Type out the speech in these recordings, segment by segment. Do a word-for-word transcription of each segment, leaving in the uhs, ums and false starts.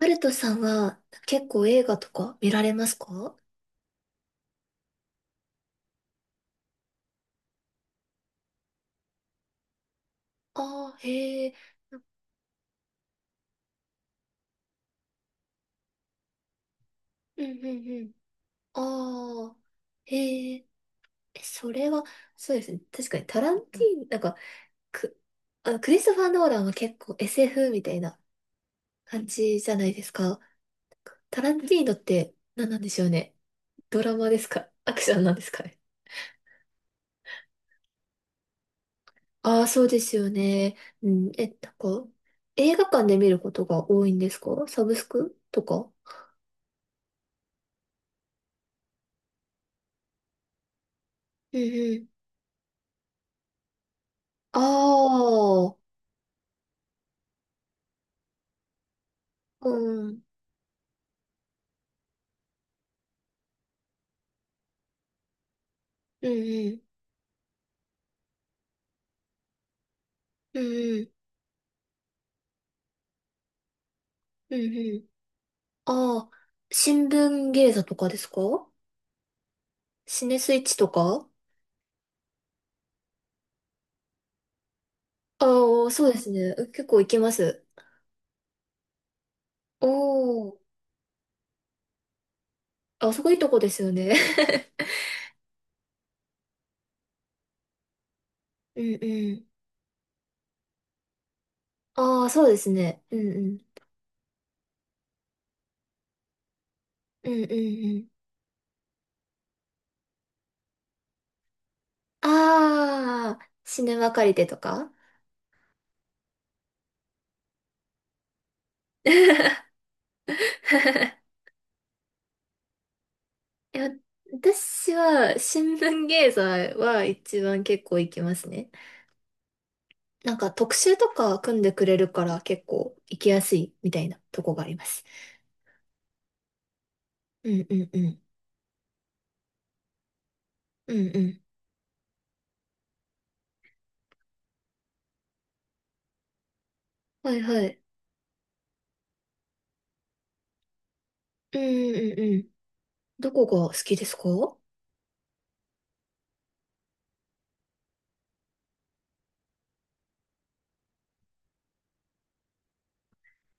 ハルトさんは結構映画とか見られますか？ああー、へえ。うんうんうん。ああ、へえ。えそれは、そうですね。確かにタランティーノ、なんか、く、あ、クリストファー・ノーランは結構 エスエフ みたいな感じじゃないですか。タランティーノって何なんでしょうね。ドラマですか、アクションなんですかね。ああ、そうですよね。うん、え、なんか、映画館で見ることが多いんですか、サブスクとか？うん。ああ、うん、うん、うん、うん、うん、うんうん。ああ、新聞芸座とかですか？シネスイッチとか？ああ、そうですね。結構行きます。おお、あそこいいとこですよね。うんうん。ああ、そうですね。うんうん。うんうんうん。ああ、シネマ借りてとか？ いや、私は新聞芸座は一番結構行きますね。なんか特集とか組んでくれるから結構行きやすいみたいなとこがあります。うんうんうん。うんうん。はいはい。うんうんうん。どこが好きですか？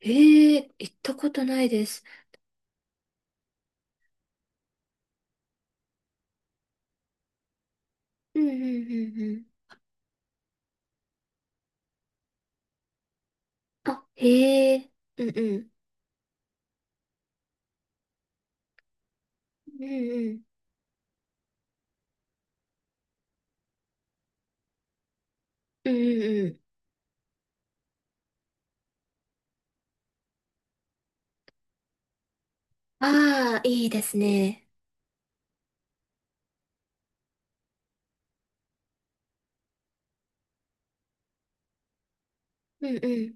ええー、行ったことないです。うんうんうんうん。あ、へえ。うんうん。うんうん。うんうんうん。ああ、いいですね。うんうん。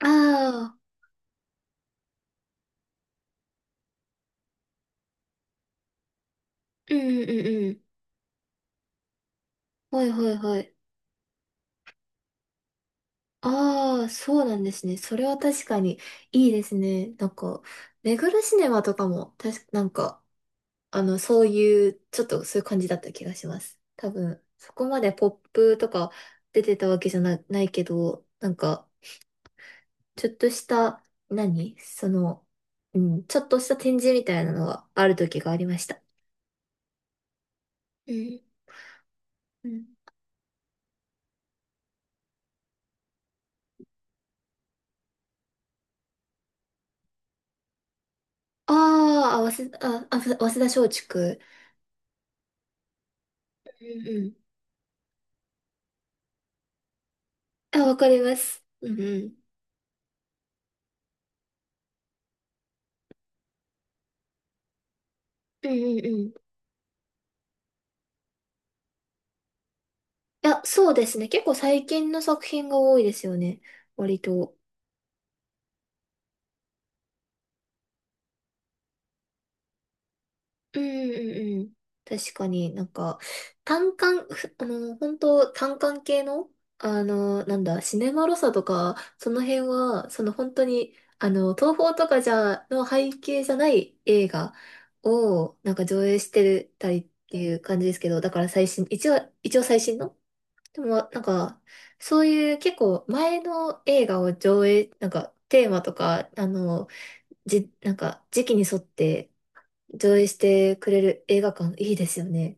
ああ、うんうんうんうん。はいはいはい。ああ、そうなんですね。それは確かにいいですね。なんか、目黒シネマとかも、たし、なんか、あの、そういう、ちょっとそういう感じだった気がします。多分、そこまでポップとか出てたわけじゃな、ないけど、なんか、ちょっとした、何その、うん、ちょっとした展示みたいなのはある時がありました。うん。うん。あーあ、早稲田、あ、あ早稲田松竹。うんうん。あ、わかります。うんうん。うんうんうん。いや、そうですね。結構最近の作品が多いですよね。割と。うんうんうん。確かになんか、単館、ふあの、本当単館系の、あの、なんだ、シネマロサとか、その辺は、その本当に、あの、東宝とかじゃ、の背景じゃない映画を、なんか上映してたりっていう感じですけど、だから最新、一応、一応最新のでも、なんか、そういう結構前の映画を上映、なんかテーマとか、あの、じ、なんか時期に沿って上映してくれる映画館いいですよね。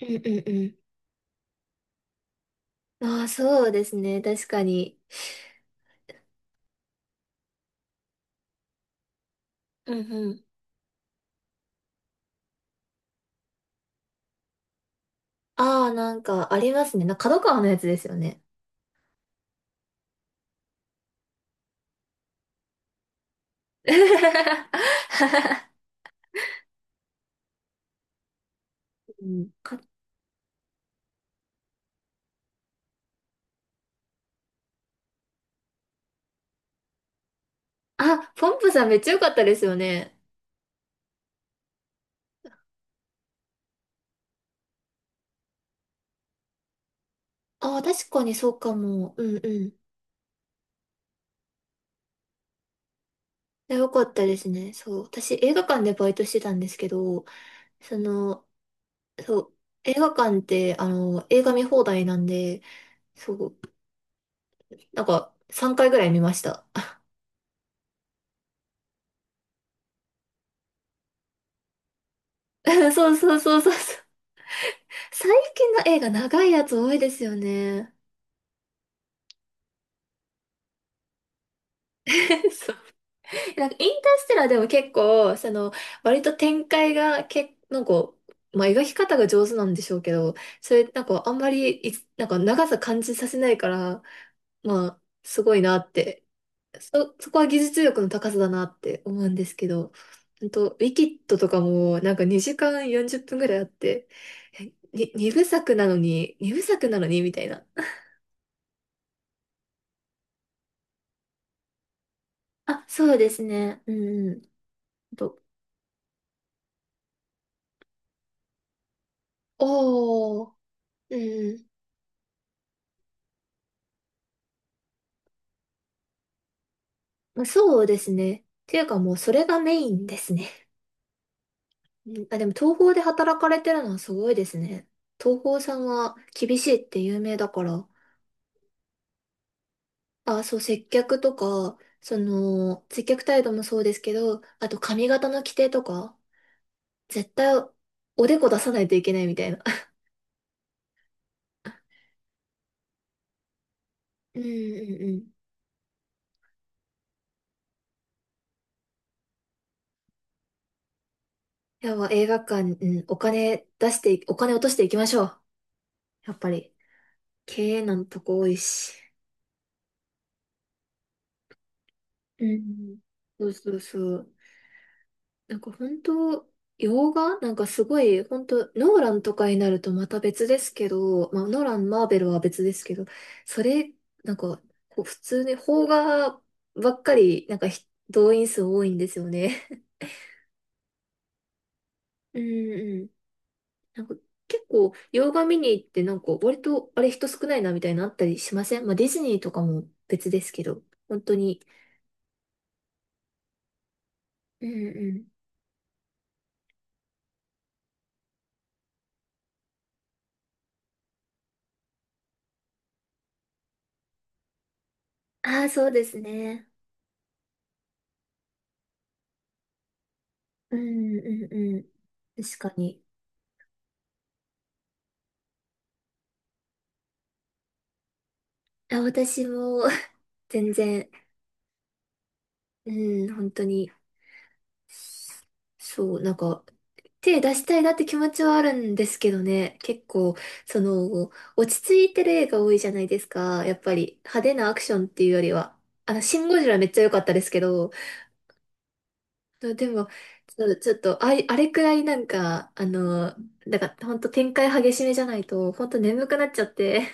うんうんうん。ああ、そうですね。確かに。うんうん。ああ、なんかありますね。な、角川のやつですよね。うんか、あ、ポンプさんめっちゃ良かったですよね。ああ、確かにそうかも。うんうん。よかったですね。そう。私、映画館でバイトしてたんですけど、その、そう、映画館って、あの、映画見放題なんで、そう、なんか、さんかいぐらい見ました。そうそうそうそうそう。最近の映画長いやつ多いですよね。そう。なんか、インターステラーでも結構、その、割と展開が、け、なんか、まあ、描き方が上手なんでしょうけど、それ、なんか、あんまりいつ、なんか、長さ感じさせないから、まあ、すごいなって。そ、そこは技術力の高さだなって思うんですけど、ほんと、ウィキッドとかもなんかにじかんよんじゅっぷんぐらいあって、えに、2部作なのに、2部作なのにみたいな。あ、そうですね。うんうん。と、おー、うん。まあ、そうですね。っていうかもうそれがメインですね。うん。あ、でも東宝で働かれてるのはすごいですね。東宝さんは厳しいって有名だから。あ、そう、接客とか、その、接客態度もそうですけど、あと髪型の規定とか、絶対おでこ出さないといけないみたいな。うんうんうん。やば、映画館、うん、お金出してい、お金落としていきましょう。やっぱり。経営難のとこ多いし。うん。そうそうそう。なんか本当、洋画なんかすごい、本当ノーランとかになるとまた別ですけど、まあ、ノーラン、マーベルは別ですけど、それ、なんか、こう普通に邦画ばっかり、なんかひ動員数多いんですよね。うんうん。なんか結構、洋画見に行って、なんか割と、あれ人少ないなみたいなのあったりしません？まあ、ディズニーとかも別ですけど、本当に。うんうん。ああ、そうですね。うんうんうん。確かに。あ、私も、全然、うん、本当に、そう、なんか、手出したいなって気持ちはあるんですけどね、結構、その、落ち着いてる映画多いじゃないですか、やっぱり、派手なアクションっていうよりは、あの、シン・ゴジラめっちゃ良かったですけど、でも、ちょちょっと、あれ、あれくらいなんか、あの、なんか、ほんと展開激しめじゃないと、ほんと眠くなっちゃって、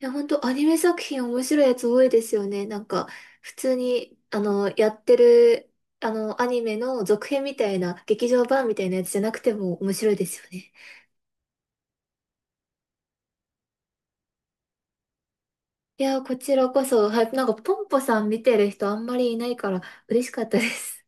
いや、本当アニメ作品面白いやつ多いですよね。なんか、普通に、あの、やってる、あの、アニメの続編みたいな、劇場版みたいなやつじゃなくても面白いですよね。いや、こちらこそ、はい、なんか、ポンポさん見てる人あんまりいないから嬉しかったです。